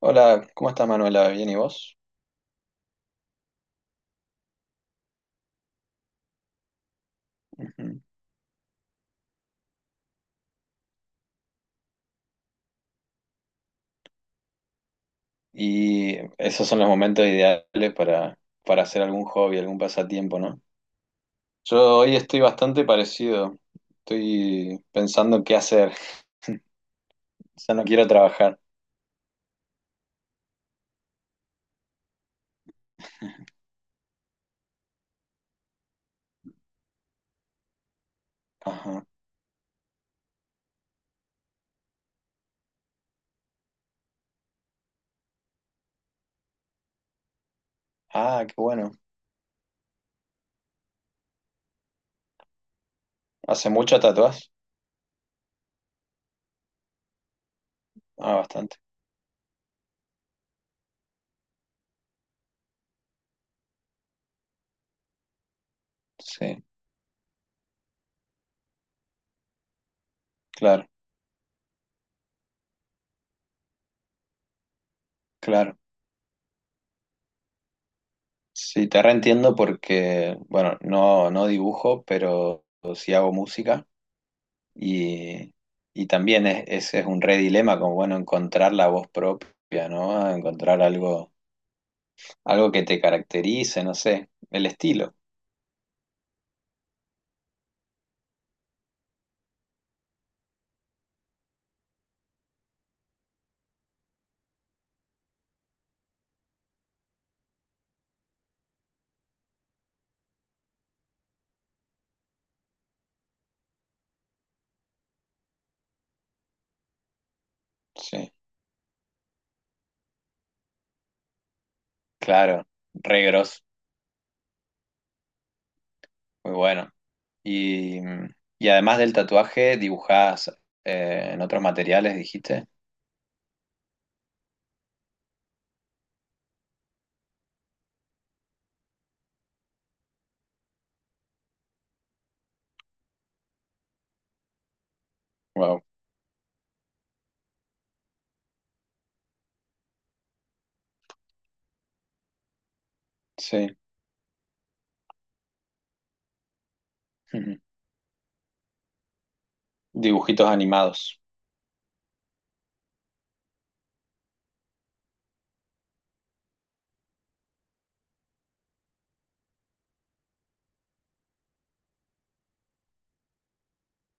Hola, ¿cómo estás, Manuela? ¿Bien y vos? Ujú. Y esos son los momentos ideales para hacer algún hobby, algún pasatiempo, ¿no? Yo hoy estoy bastante parecido. Estoy pensando en qué hacer. O sea, no quiero trabajar. Ajá. Ah, qué bueno. ¿Hace mucho tatuás? Ah, bastante. Sí, claro, claro. Sí, te reentiendo porque, bueno, no, no dibujo, pero sí hago música. Y, y también ese es un re dilema, como bueno, encontrar la voz propia, ¿no? Encontrar algo que te caracterice, no sé, el estilo. Sí, claro, re grosso, muy bueno. Y, y además del tatuaje, dibujás en otros materiales, dijiste. Wow, sí. Ujú. Dibujitos animados.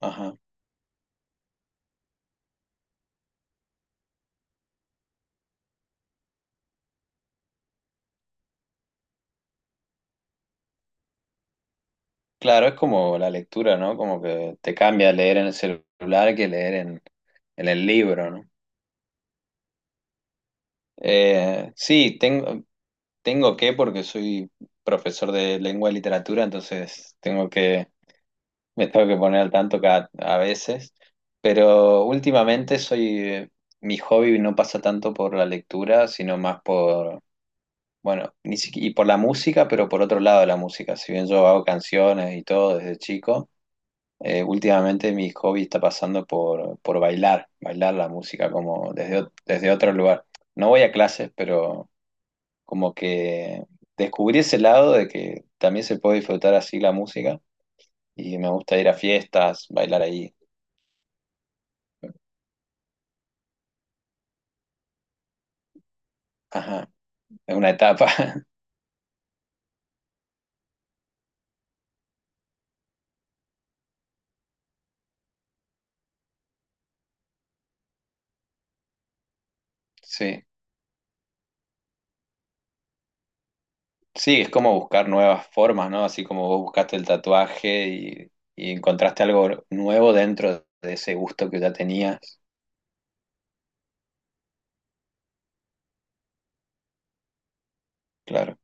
Ajá. Claro, es como la lectura, ¿no? Como que te cambia leer en el celular que leer en el libro, ¿no? Sí, tengo que porque soy profesor de lengua y literatura, me tengo que poner al tanto cada, a veces, pero últimamente soy, mi hobby no pasa tanto por la lectura, sino bueno, ni siqui- y por la música, pero por otro lado de la música. Si bien yo hago canciones y todo desde chico, últimamente mi hobby está por bailar, bailar la música desde otro lugar. No voy a clases, pero como que descubrí ese lado de que también se puede disfrutar así la música y me gusta ir a fiestas, bailar ahí. Ajá, es una etapa, sí. Sí, es como buscar nuevas formas, ¿no? Así como vos buscaste el tatuaje y encontraste algo nuevo dentro de ese gusto que ya tenías. Claro,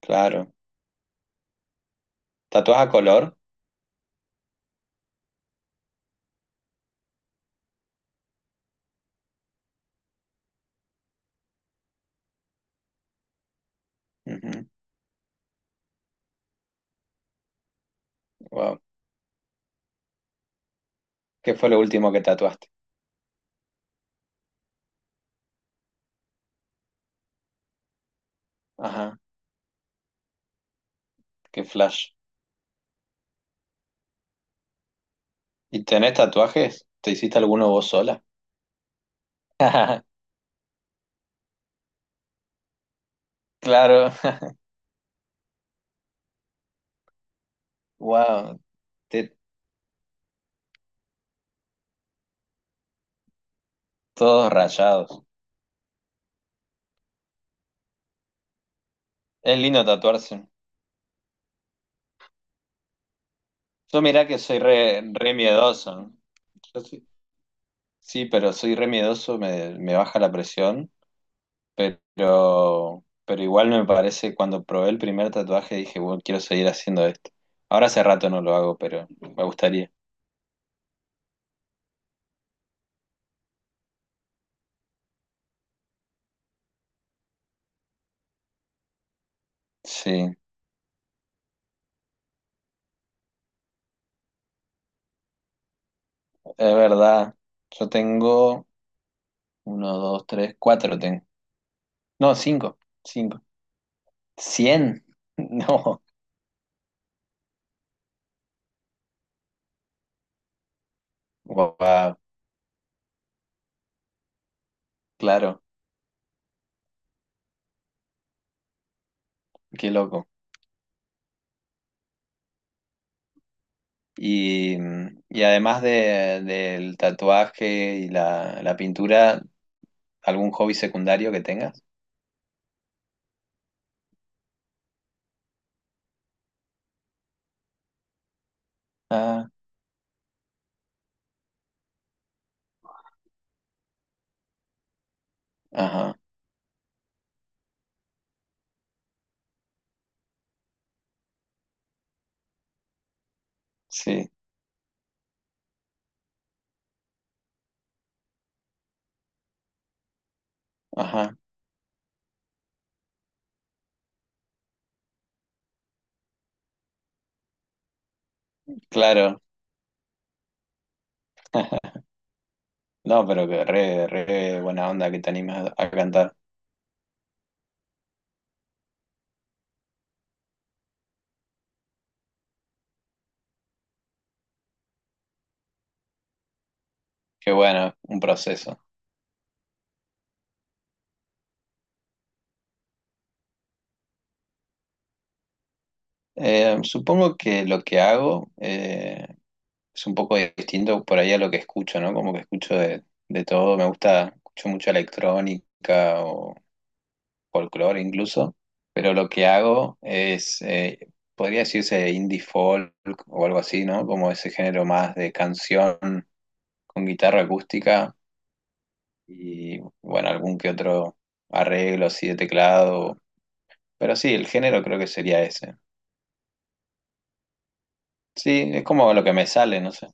claro. ¿Tatuaje a color? Ujú. Wow. ¿Qué fue lo último que tatuaste? Ajá, qué flash. ¿Y tenés tatuajes? ¿Te hiciste alguno vos sola? Claro. Wow. Te- Todos rayados. Es lindo tatuarse. Yo mirá que soy re miedoso, ¿no? Yo soy- sí, pero soy re miedoso, me baja la presión, pero igual me parece, cuando probé el primer tatuaje dije, bueno, quiero seguir haciendo esto. Ahora hace rato no lo hago, pero me gustaría. Sí, es verdad. Yo tengo uno, dos, tres, cuatro tengo. No, cinco, cinco. ¿Cien? No, wow, claro, qué loco. Y, y además del tatuaje y la pintura, ¿algún hobby secundario que tengas? Ah, ajá, sí, ajá, claro. No, pero que re buena onda que te animas a cantar. Qué bueno, un proceso. Supongo que lo que hago es un poco distinto por ahí a lo que escucho, ¿no? Como que escucho de todo, me gusta, escucho mucha electrónica o folclore incluso, pero lo que hago es, podría decirse indie folk o algo así, ¿no? Como ese género más de canción con guitarra acústica y, bueno, algún que otro arreglo así de teclado, pero sí, el género creo que sería ese. Sí, es como lo que me sale, no sé.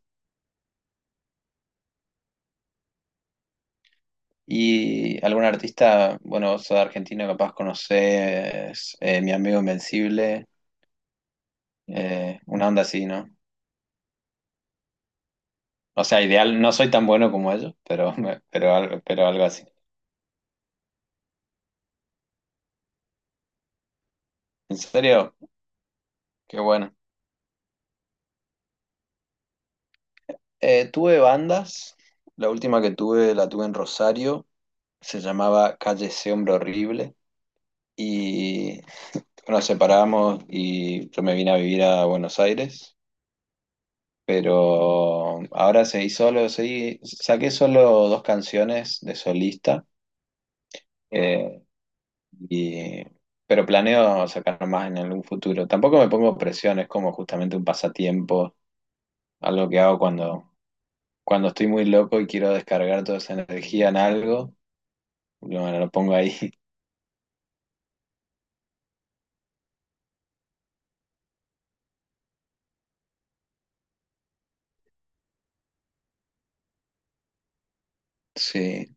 Y algún artista, bueno, vos sos de Argentina, capaz conocés Mi Amigo Invencible, una onda así, ¿no? O sea, ideal, no soy tan bueno como ellos, pero, pero algo así. En serio, qué bueno. Tuve bandas, la última que tuve la tuve en Rosario, se llamaba Calle Ese Hombre Horrible, y bueno, nos separamos y yo me vine a vivir a Buenos Aires, pero ahora seguí solo, seguí, saqué solo dos canciones de solista, eh, y pero planeo sacar más en algún futuro. Tampoco me pongo presión, es como justamente un pasatiempo. Algo que hago cuando estoy muy loco y quiero descargar toda esa energía en algo, lo pongo ahí. Sí,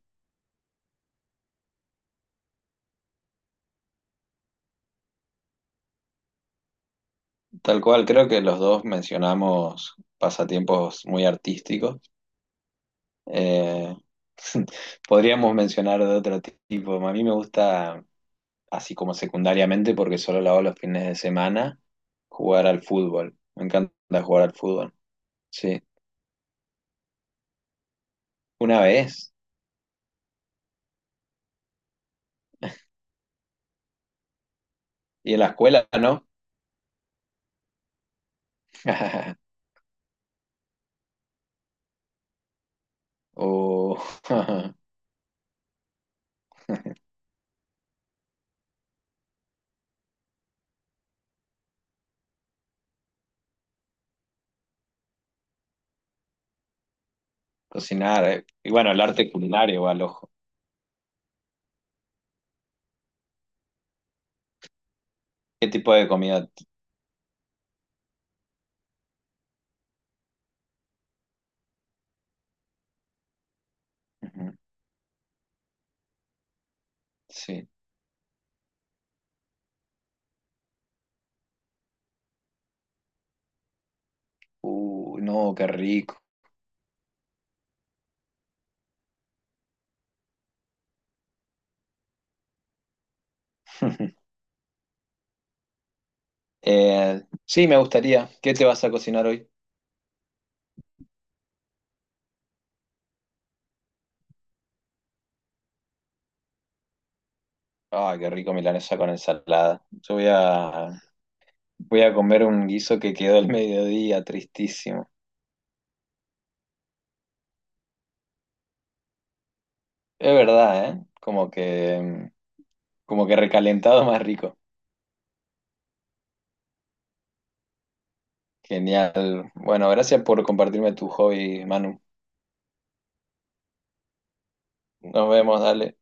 tal cual. Creo que los dos mencionamos pasatiempos muy artísticos. Eh, Podríamos mencionar de otro tipo. A mí me gusta, así como secundariamente, porque solo lo hago los fines de semana, jugar al fútbol. Me encanta jugar al fútbol. Sí, una vez. Y en la escuela, ¿no? O cocinar, eh. Y bueno, el arte culinario va al ojo. ¿Qué tipo de comida? Ujú. Sí. No, qué rico. Sí, me gustaría. ¿Qué te vas a cocinar hoy? Ay, qué rico milanesa con ensalada. Voy a comer un guiso que quedó al mediodía, tristísimo. Es verdad, ¿eh? Como que, mm, como que recalentado más rico. Genial. Bueno, gracias por compartirme tu hobby, Manu. Nos vemos, dale.